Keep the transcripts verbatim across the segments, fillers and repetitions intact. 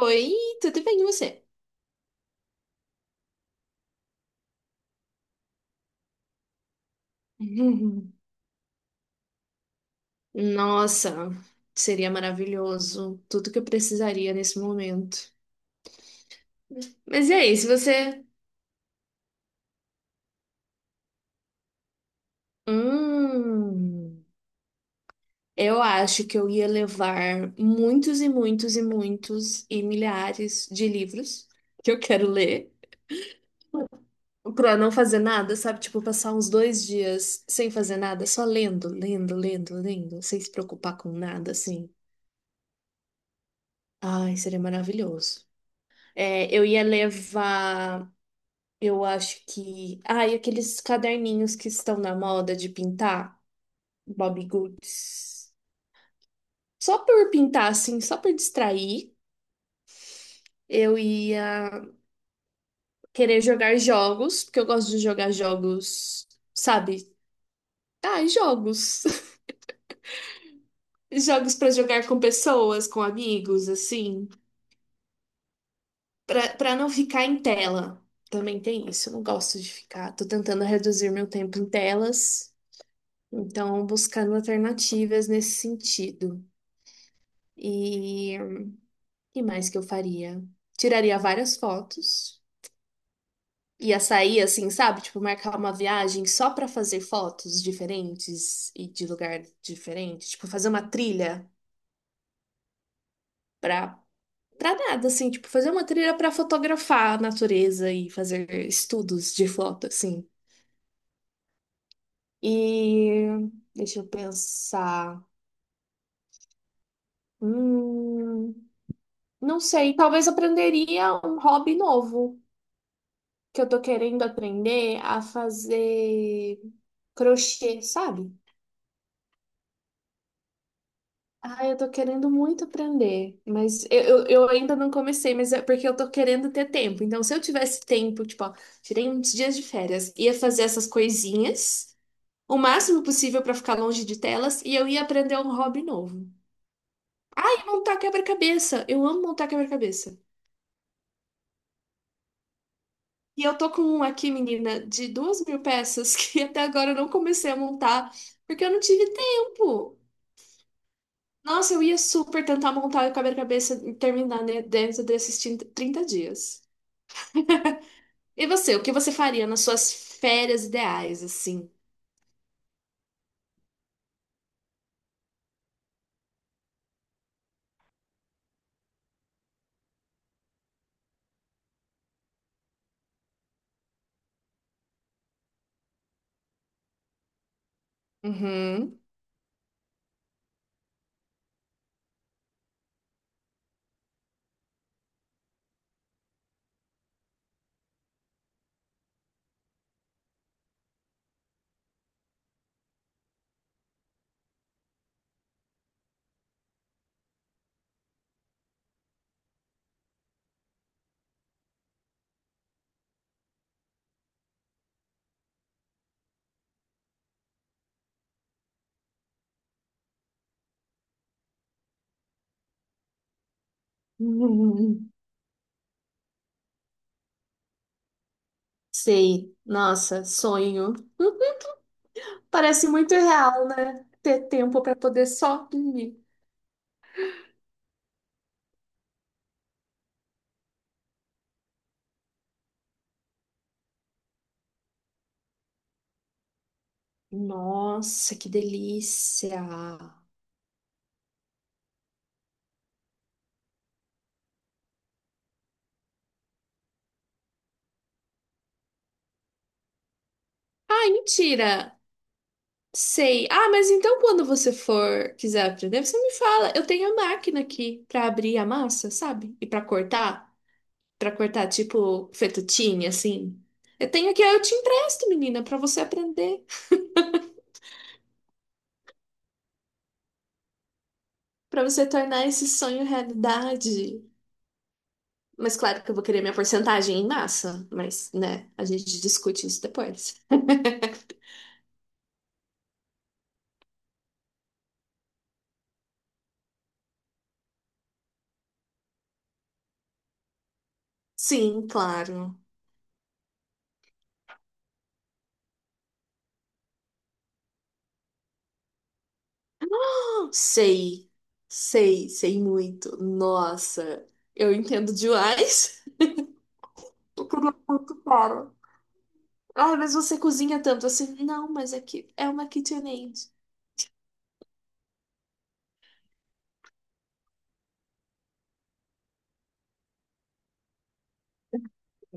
Oi, tudo bem e você? Uhum. Nossa, seria maravilhoso. Tudo que eu precisaria nesse momento. Mas e aí, se você. Hum, eu acho que eu ia levar muitos e muitos e muitos e milhares de livros que eu quero ler pra não fazer nada, sabe? Tipo, passar uns dois dias sem fazer nada, só lendo, lendo, lendo, lendo, sem se preocupar com nada, assim. Ai, seria maravilhoso. É, eu ia levar. Eu acho que. Ah, e aqueles caderninhos que estão na moda de pintar, Bobbie Goods. Só por pintar, assim, só por distrair, eu ia querer jogar jogos, porque eu gosto de jogar jogos, sabe? Ah, jogos. Jogos pra jogar com pessoas, com amigos, assim. Pra, pra não ficar em tela. Também tem isso, eu não gosto de ficar. Tô tentando reduzir meu tempo em telas, então buscando alternativas nesse sentido. E que mais que eu faria? Tiraria várias fotos. Ia sair assim, sabe? Tipo, marcar uma viagem só pra fazer fotos diferentes e de lugar diferente. Tipo, fazer uma trilha pra, pra nada, assim. Tipo, fazer uma trilha pra fotografar a natureza e fazer estudos de foto, assim. E deixa eu pensar. Hum, não sei, talvez aprenderia um hobby novo. Que eu tô querendo aprender a fazer crochê, sabe? Ah, eu tô querendo muito aprender, mas eu, eu, eu ainda não comecei, mas é porque eu tô querendo ter tempo. Então, se eu tivesse tempo, tipo, ó, tirei uns dias de férias, ia fazer essas coisinhas, o máximo possível pra ficar longe de telas, e eu ia aprender um hobby novo. E montar quebra-cabeça. Eu amo montar quebra-cabeça. E eu tô com um aqui, menina, de duas mil peças que até agora eu não comecei a montar porque eu não tive tempo. Nossa, eu ia super tentar montar o quebra-cabeça e terminar ne- dentro desses trinta 30 dias. E você, o que você faria nas suas férias ideais, assim? Uhum. Uhum. Sei. Nossa, sonho. Parece muito real, né? Ter tempo para poder só dormir. Nossa, que delícia! Ai, mentira! Sei. Ah, mas então quando você for quiser aprender, você me fala. Eu tenho a máquina aqui para abrir a massa, sabe? E para cortar. Pra cortar, tipo, fettuccine, assim. Eu tenho aqui, eu te empresto, menina, pra você aprender. Pra você tornar esse sonho realidade. Mas claro que eu vou querer minha porcentagem em massa. Mas, né, a gente discute isso depois. Sim, claro. Ah, sei. Sei, sei muito. Nossa, eu entendo demais. Eu queria muito, cara. Ah, mas você cozinha tanto assim. Não, mas aqui é que é uma KitchenAid.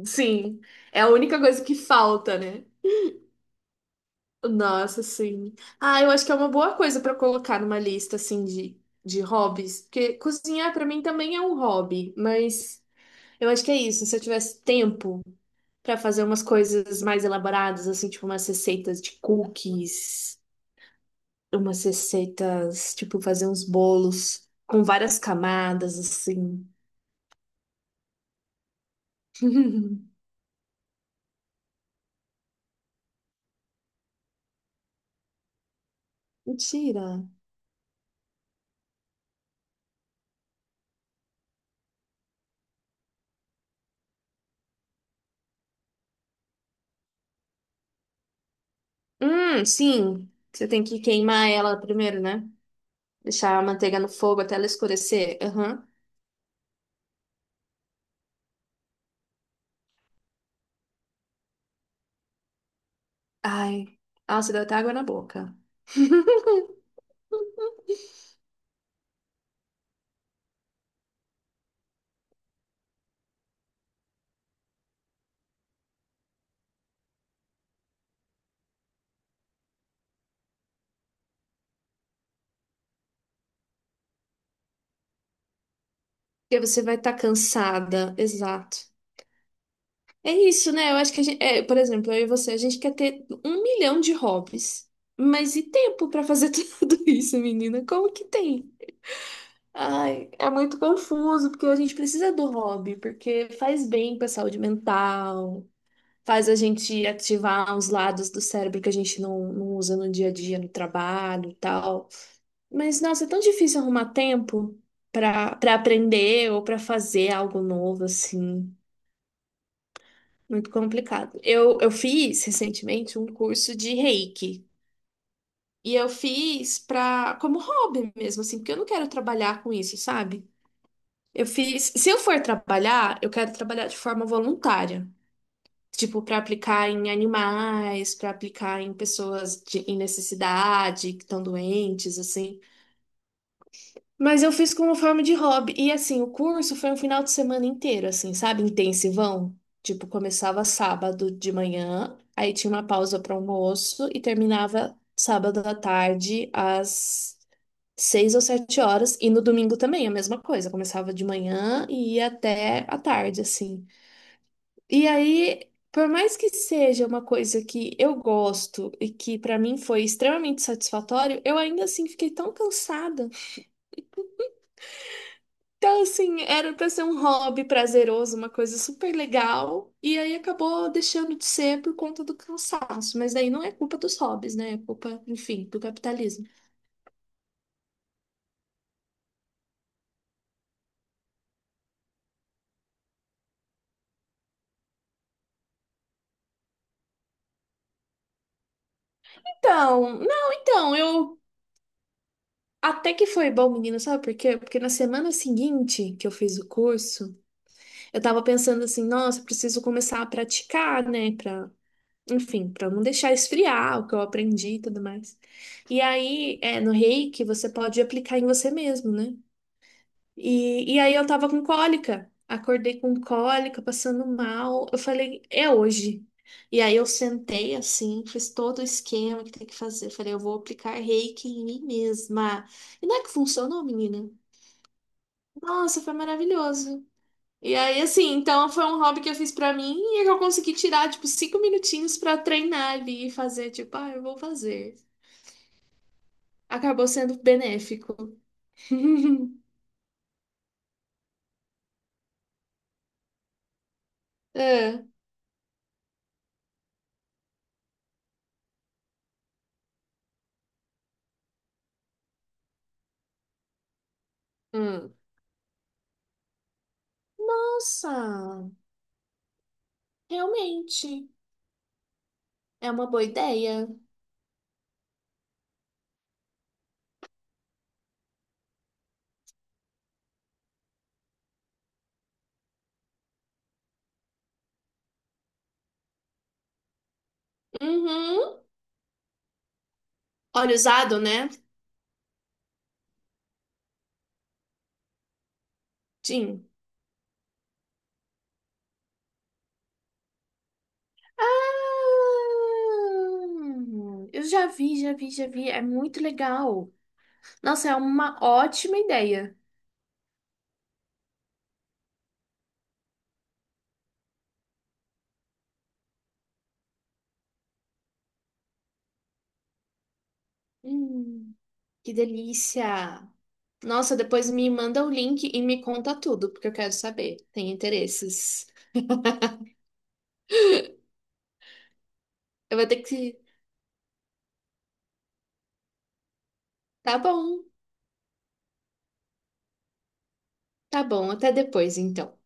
Sim, é a única coisa que falta, né? Nossa, sim. Ah, eu acho que é uma boa coisa pra colocar numa lista assim de, de hobbies, porque cozinhar pra mim também é um hobby, mas eu acho que é isso. Se eu tivesse tempo pra fazer umas coisas mais elaboradas, assim, tipo umas receitas de cookies, umas receitas, tipo fazer uns bolos com várias camadas assim. Mentira. Hum, sim. Você tem que queimar ela primeiro, né? Deixar a manteiga no fogo até ela escurecer. Aham. Ai, nossa, deu até água na boca. Porque você vai estar cansada, exato. É isso, né? Eu acho que a gente, é, por exemplo, eu e você, a gente quer ter um milhão de hobbies, mas e tempo pra fazer tudo isso, menina? Como que tem? Ai, é muito confuso, porque a gente precisa do hobby, porque faz bem pra saúde mental, faz a gente ativar uns lados do cérebro que a gente não, não usa no dia a dia, no trabalho e tal. Mas, nossa, é tão difícil arrumar tempo para para aprender ou para fazer algo novo, assim. Muito complicado. Eu, eu fiz recentemente um curso de Reiki. E eu fiz pra, como hobby mesmo, assim, porque eu não quero trabalhar com isso, sabe? Eu fiz. Se eu for trabalhar, eu quero trabalhar de forma voluntária. Tipo, para aplicar em animais, para aplicar em pessoas de, em necessidade, que estão doentes, assim. Mas eu fiz como forma de hobby. E assim, o curso foi um final de semana inteiro, assim, sabe? Intensivão. Tipo, começava sábado de manhã, aí tinha uma pausa para almoço e terminava sábado à tarde às seis ou sete horas. E no domingo também, a mesma coisa. Começava de manhã e ia até à tarde, assim. E aí, por mais que seja uma coisa que eu gosto e que para mim foi extremamente satisfatório, eu ainda assim fiquei tão cansada. Então, assim, era para ser um hobby prazeroso, uma coisa super legal, e aí acabou deixando de ser por conta do cansaço. Mas daí não é culpa dos hobbies, né? É culpa, enfim, do capitalismo. Então, não, então, eu até que foi bom, menina, sabe por quê? Porque na semana seguinte que eu fiz o curso, eu tava pensando assim, nossa, eu preciso começar a praticar, né? Pra, enfim, pra não deixar esfriar o que eu aprendi e tudo mais. E aí, é, no Reiki, você pode aplicar em você mesmo, né? E, e aí eu tava com cólica. Acordei com cólica, passando mal. Eu falei, é hoje. E aí eu sentei assim, fiz todo o esquema que tem que fazer. Falei, eu vou aplicar reiki em mim mesma. E não é que funcionou, menina? Nossa, foi maravilhoso. E aí, assim, então foi um hobby que eu fiz pra mim e que eu consegui tirar, tipo, cinco minutinhos pra treinar ali e fazer, tipo, ah, eu vou fazer. Acabou sendo benéfico. É. Hum. Nossa! Realmente, é uma boa ideia. Uhum. Óleo usado, né? Sim. Ah, eu já vi, já vi, já vi. É muito legal. Nossa, é uma ótima ideia. Hum, que delícia. Nossa, depois me manda o link e me conta tudo, porque eu quero saber. Tem interesses. Eu vou ter que. Tá bom, tá bom. Até depois, então.